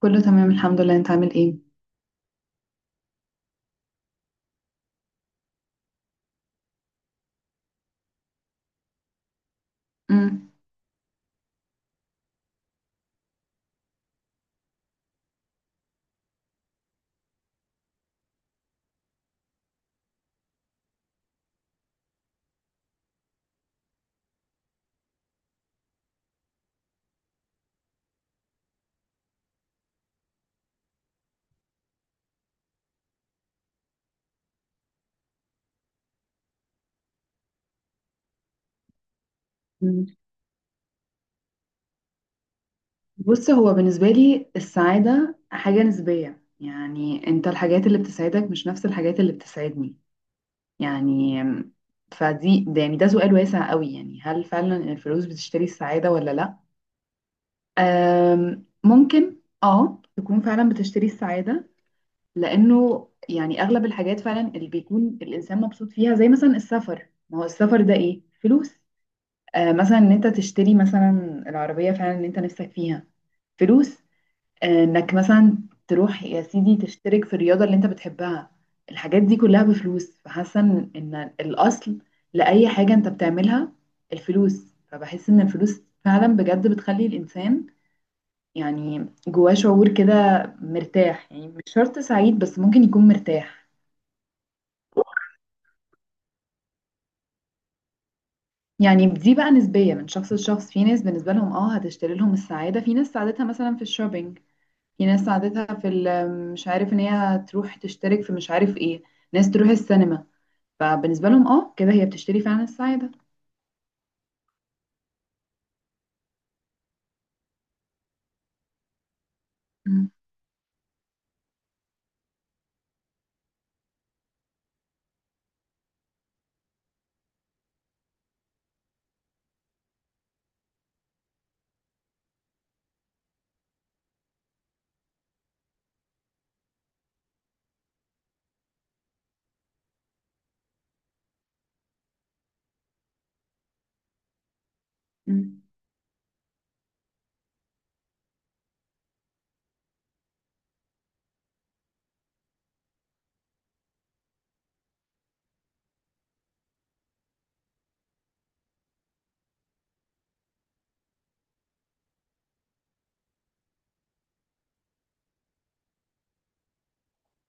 كله تمام الحمد لله. انت عامل ايه؟ امم مم. بص، هو بالنسبة لي السعادة حاجة نسبية. يعني انت الحاجات اللي بتسعدك مش نفس الحاجات اللي بتسعدني. يعني فدي ده يعني ده سؤال واسع قوي. يعني هل فعلا الفلوس بتشتري السعادة ولا لا؟ ممكن اه تكون فعلا بتشتري السعادة. لانه يعني اغلب الحاجات فعلا اللي بيكون الانسان مبسوط فيها زي مثلا السفر، ما هو السفر ده ايه؟ فلوس. مثلا ان انت تشتري مثلا العربية فعلا اللي انت نفسك فيها، فلوس. انك مثلا تروح يا سيدي تشترك في الرياضة اللي انت بتحبها، الحاجات دي كلها بفلوس. فحاسة ان إن الاصل لأي حاجة انت بتعملها الفلوس. فبحس ان الفلوس فعلا بجد بتخلي الانسان يعني جواه شعور كده مرتاح، يعني مش شرط سعيد بس ممكن يكون مرتاح. يعني دي بقى نسبية من شخص لشخص. في ناس بالنسبة لهم اه هتشتري لهم السعادة، في ناس سعادتها مثلا في الشوبينج، في ناس عادتها في مش عارف ان هي تروح تشترك في مش عارف ايه، ناس تروح السينما. فبالنسبة لهم اه كده هي بتشتري فعلا السعادة. مم. مم.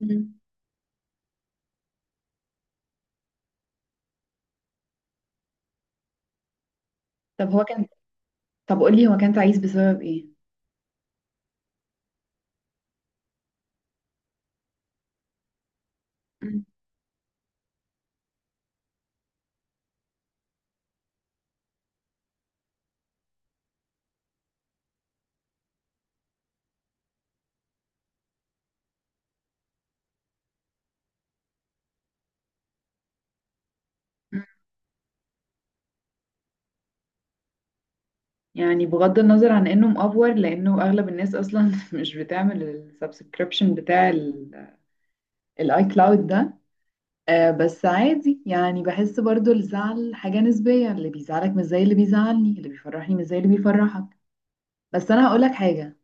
مم. طب هو كان، طب قولي هو كان تعيس بسبب ايه؟ مم. مم. يعني بغض النظر عن انه مأفور لانه اغلب الناس اصلا مش بتعمل السبسكريبشن بتاع الاي كلاود ده. آه بس عادي، يعني بحس برضو الزعل حاجة نسبية، اللي بيزعلك مش زي اللي بيزعلني، اللي بيفرحني مش زي اللي بيفرحك. بس انا هقولك حاجة،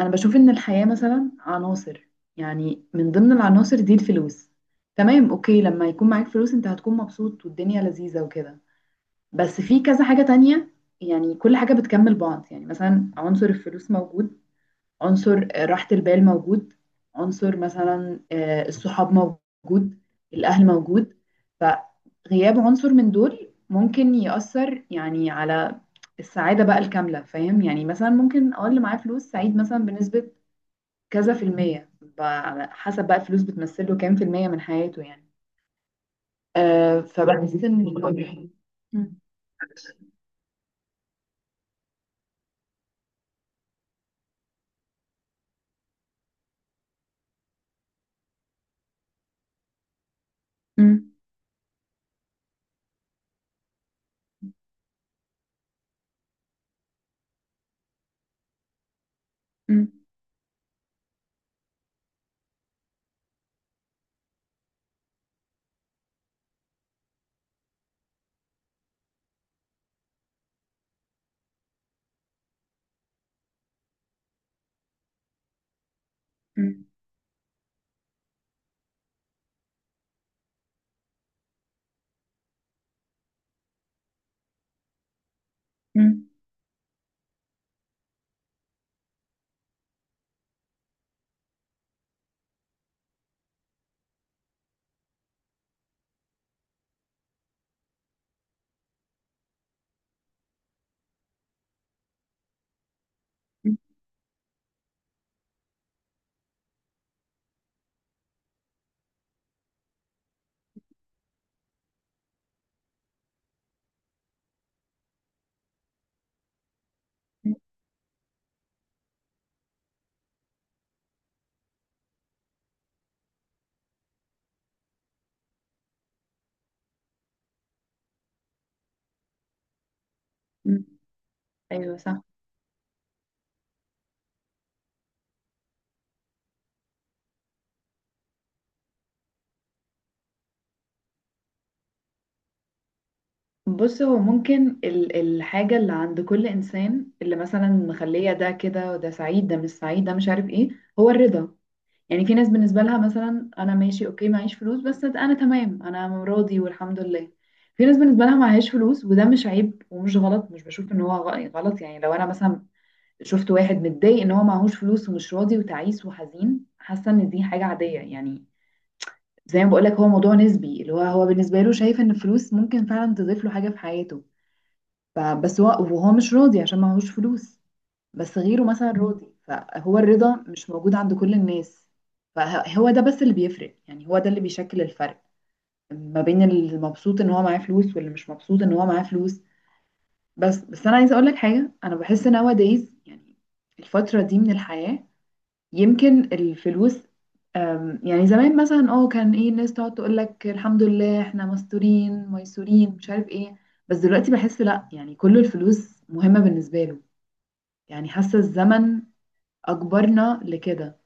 انا بشوف ان الحياة مثلا عناصر. يعني من ضمن العناصر دي الفلوس. تمام، اوكي، لما يكون معاك فلوس انت هتكون مبسوط والدنيا لذيذة وكده. بس في كذا حاجة تانية. يعني كل حاجة بتكمل بعض. يعني مثلا عنصر الفلوس موجود، عنصر راحة البال موجود، عنصر مثلا الصحاب موجود، الاهل موجود. فغياب عنصر من دول ممكن يأثر يعني على السعادة بقى الكاملة، فاهم؟ يعني مثلا ممكن اه اللي معاه فلوس سعيد مثلا بنسبة كذا في المية، على حسب بقى الفلوس بتمثله كام في المية من حياته يعني. فبحس ان مم. مم. مم. مم. مم. مم. مم. ايوه صح. بص هو ممكن الحاجة اللي عند كل انسان اللي مثلا مخلية ده كده وده سعيد ده مش سعيد ده مش عارف ايه، هو الرضا. يعني في ناس بالنسبة لها مثلا أنا ماشي أوكي معيش فلوس بس أنا تمام، أنا راضي والحمد لله. في ناس بالنسبة لها معهاش فلوس وده مش عيب ومش غلط، مش بشوف إن هو غلط. يعني لو أنا مثلا شفت واحد متضايق إن هو معهوش فلوس ومش راضي وتعيس وحزين، حاسة إن دي حاجة عادية. يعني زي ما بقولك، هو موضوع نسبي. اللي هو هو بالنسبة له شايف إن الفلوس ممكن فعلا تضيف له حاجة في حياته، فبس هو وهو مش راضي عشان معهوش فلوس. بس غيره مثلا راضي، فهو الرضا مش موجود عند كل الناس. فهو ده بس اللي بيفرق، يعني هو ده اللي بيشكل الفرق ما بين المبسوط ان هو معاه فلوس واللي مش مبسوط ان هو معاه فلوس. بس انا عايزه اقول لك حاجه، انا بحس nowadays يعني الفتره دي من الحياه، يمكن الفلوس، يعني زمان مثلا كان ايه الناس تقعد تقول لك الحمد لله احنا مستورين ميسورين مش عارف ايه. بس دلوقتي بحس لا، يعني كل الفلوس مهمه بالنسبه له. يعني حاسه الزمن أجبرنا لكده.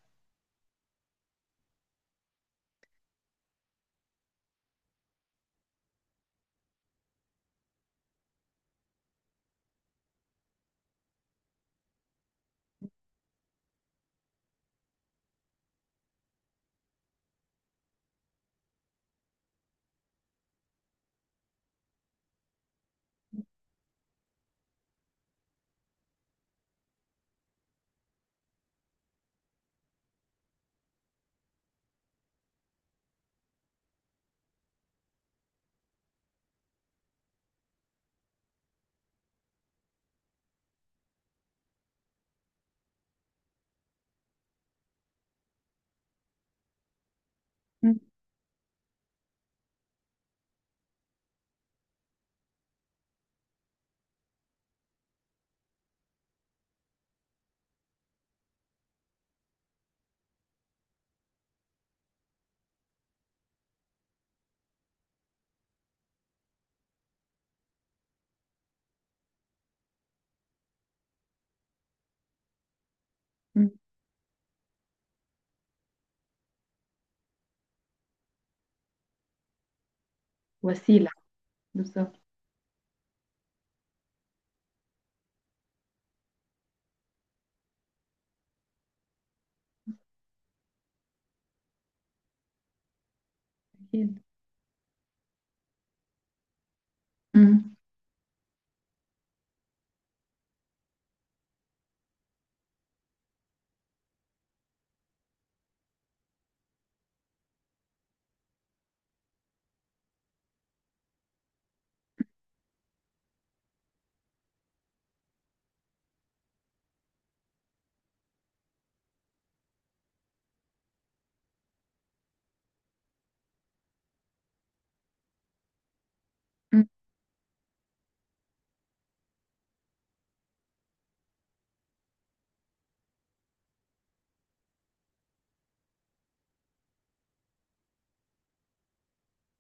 مم. مم. وسيلة. بالظبط. أكيد. مم. مم.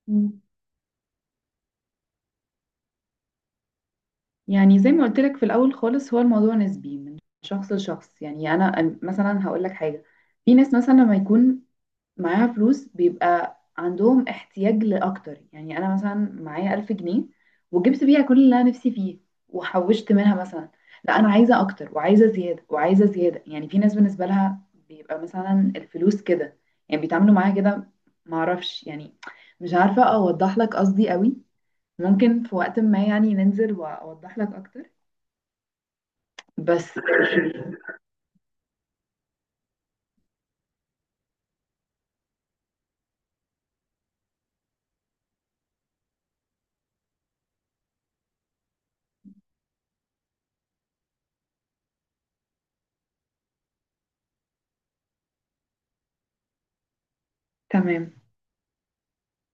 مم. يعني زي ما قلت لك في الأول خالص، هو الموضوع نسبي من شخص لشخص. يعني أنا مثلا هقول لك حاجة. في ناس مثلا لما يكون معاها فلوس بيبقى عندهم احتياج لأكتر. يعني أنا مثلا معايا 1000 جنيه وجبت بيها كل اللي أنا نفسي فيه وحوشت منها مثلا، لا أنا عايزة أكتر وعايزة زيادة وعايزة زيادة. يعني في ناس بالنسبة لها بيبقى مثلا الفلوس كده، يعني بيتعاملوا معاها كده، معرفش يعني. مش عارفة أوضح لك قصدي قوي، ممكن في وقت ما يعني ننزل وأوضح لك أكتر. بس تمام.